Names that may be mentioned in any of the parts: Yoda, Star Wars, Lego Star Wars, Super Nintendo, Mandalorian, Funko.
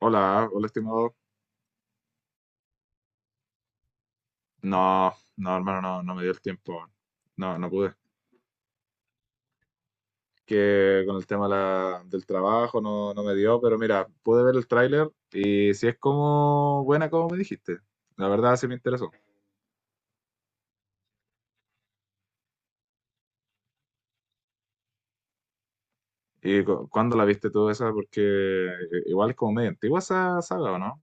Hola, hola estimado. No, no, hermano, no, no me dio el tiempo. No, no pude. Que con el tema de del trabajo no me dio, pero mira, pude ver el tráiler y si es como buena como me dijiste. La verdad sí me interesó. ¿Y cuándo la viste tú esa? Porque igual es como medio antigua esa saga, ¿o no?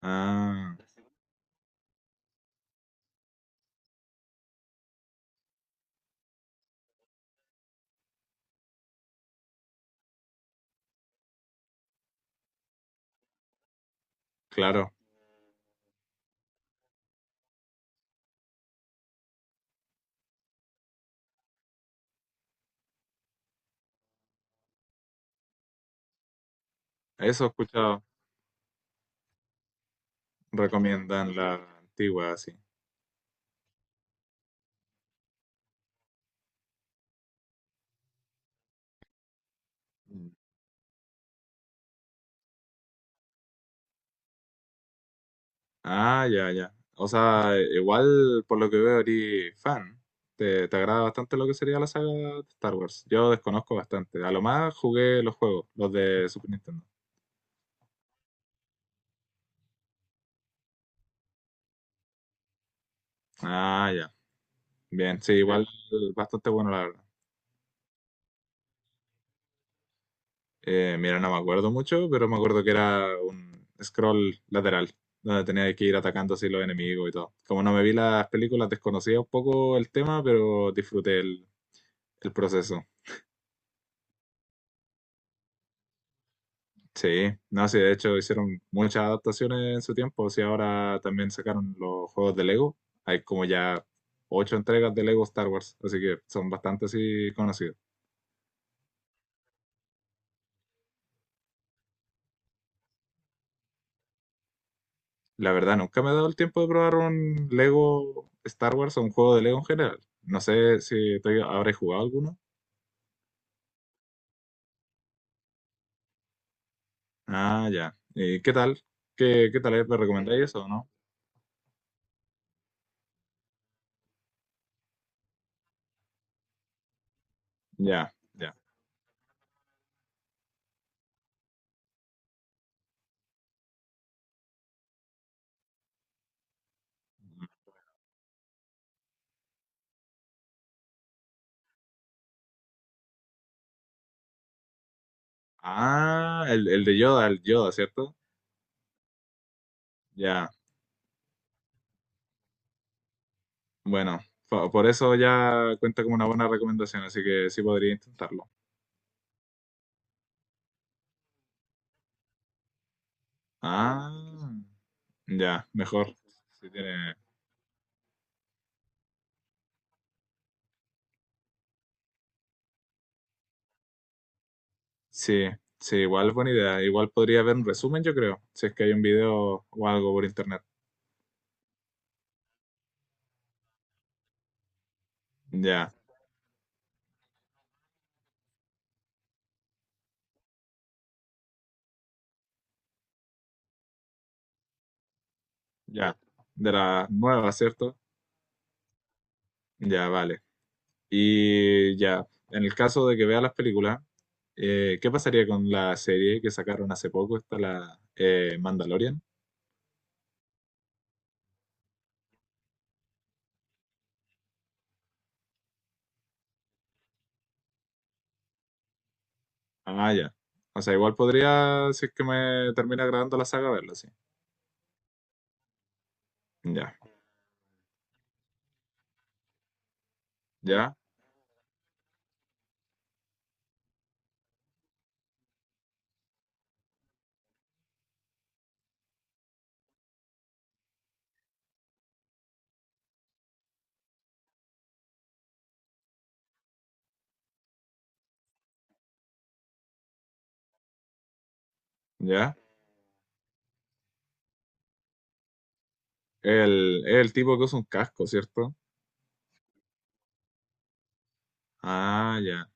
Ah, claro. Eso he escuchado. Recomiendan la antigua, sí. Ah, ya, ya. O sea, igual por lo que veo, eres fan. Te agrada bastante lo que sería la saga de Star Wars. Yo desconozco bastante. A lo más jugué los juegos, los de Super Nintendo. Ah, ya. Bien, sí, sí, igual bastante bueno, la verdad. Mira, no me acuerdo mucho, pero me acuerdo que era un scroll lateral, donde tenía que ir atacando así los enemigos y todo. Como no me vi las películas, desconocía un poco el tema, pero disfruté el proceso. Sí, no, sí, de hecho hicieron muchas adaptaciones en su tiempo. Sí, ahora también sacaron los juegos de Lego. Hay como ya ocho entregas de Lego Star Wars, así que son bastante así conocidos. La verdad, nunca me he dado el tiempo de probar un Lego Star Wars o un juego de Lego en general. No sé si tú habré jugado alguno. Ah, ya. ¿Y qué tal? ¿Qué tal es? ¿Me recomendáis eso o no? Ya, ya. Ah, el de Yoda, el Yoda, ¿cierto? Ya. Bueno, por eso ya cuenta como una buena recomendación, así que sí podría intentarlo. Ah, ya, mejor. Sí, sí, sí, igual buena idea. Igual podría haber un resumen, yo creo, si es que hay un video o algo por internet. Ya, ya. De la nueva, ¿cierto? Ya, vale. Y ya, en el caso de que vea las películas, ¿qué pasaría con la serie que sacaron hace poco? Está la Mandalorian. Ah, ya. O sea, igual podría, si es que me termina grabando la saga, verla, sí. Ya, ya, ya. Es el tipo que usa un casco, ¿cierto? Ah, ya.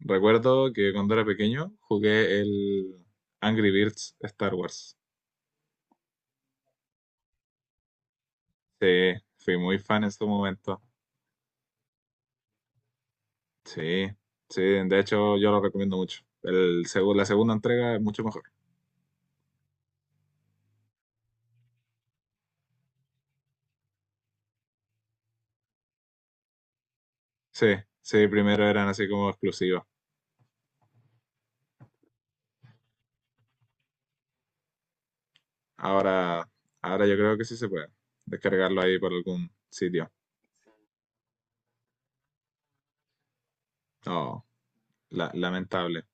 Recuerdo que cuando era pequeño jugué el Angry Birds Star Wars. Sí, fui muy fan en su momento. Sí, sí, de hecho yo lo recomiendo mucho. La segunda entrega es mucho mejor. Sí, sí, primero eran así como exclusivas. Ahora, ahora yo creo que sí se puede descargarlo ahí por algún sitio. Oh, lamentable.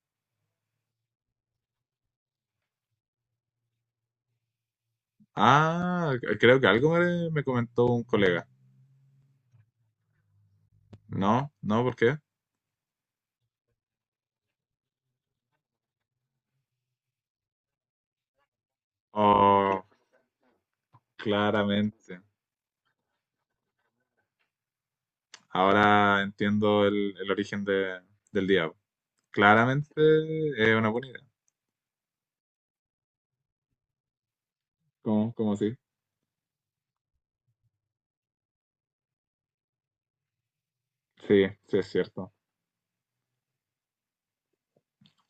Ah, creo que algo me comentó un colega. No, no, ¿por qué? Oh, claramente. Ahora entiendo el origen del diablo. Claramente es una buena idea. ¿Cómo? ¿Cómo así? Sí, sí, es cierto.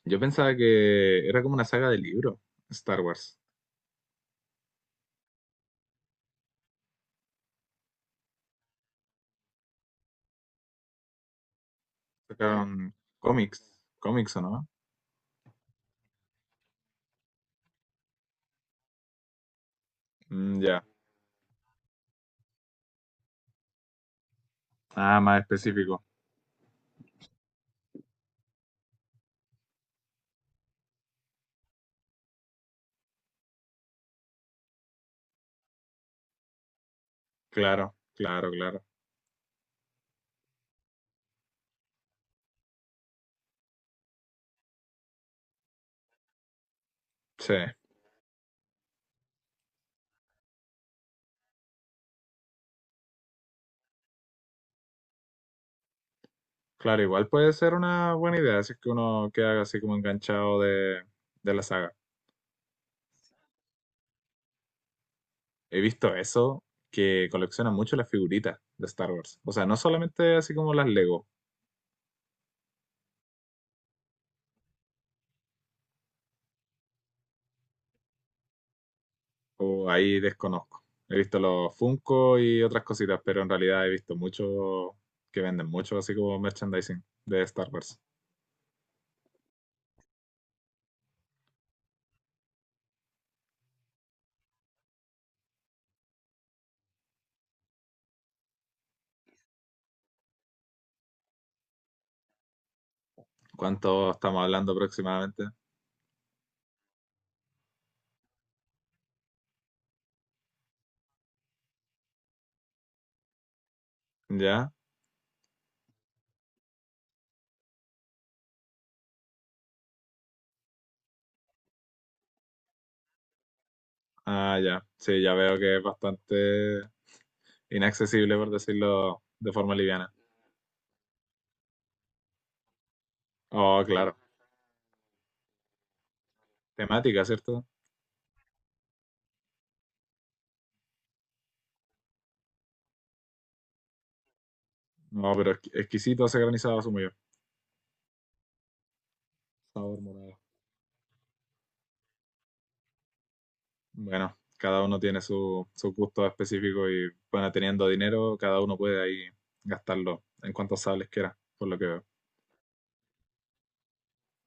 Yo pensaba que era como una saga de libro, Star Wars. Sacaron cómics, ¿o no? Mm, ya. Ah, más específico. Claro, claro, claro. Sí. Claro, igual puede ser una buena idea si es que uno queda así como enganchado de la saga. He visto eso, que colecciona mucho las figuritas de Star Wars. O sea, no solamente así como las Lego, o ahí desconozco. He visto los Funko y otras cositas, pero en realidad he visto mucho que venden mucho así como merchandising de Star Wars. ¿Cuánto estamos hablando aproximadamente? ¿Ya? Ah, ya. Sí, ya veo que es bastante inaccesible, por decirlo de forma liviana. Oh, claro. Temática, ¿cierto? No, pero exquisito ese granizado asumo yo. Sabor morado. Bueno, cada uno tiene su gusto específico y bueno, teniendo dinero, cada uno puede ahí gastarlo en cuantos sables quiera, por lo que veo.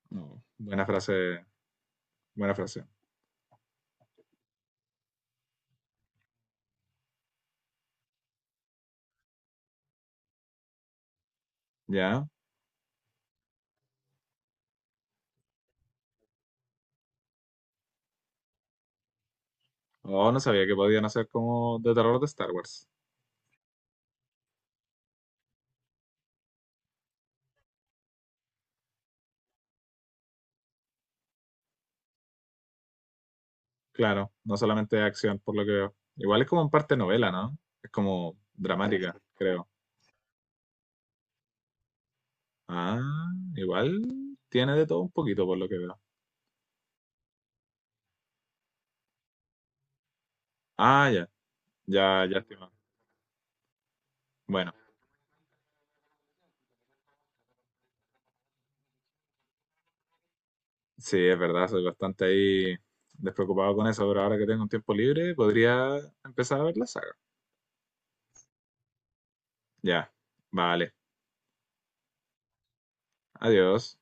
No. Buena frase, buena frase. ¿Ya? Oh, no sabía que podían hacer como de terror de Star Wars. Claro, no solamente de acción, por lo que veo. Igual es como en parte novela, ¿no? Es como dramática, creo. Ah, igual tiene de todo un poquito, por lo que veo. Ah, ya, ya, ya. Bueno, sí, es verdad, soy bastante ahí despreocupado con eso, pero ahora que tengo un tiempo libre, podría empezar a ver la saga. Ya, vale, adiós.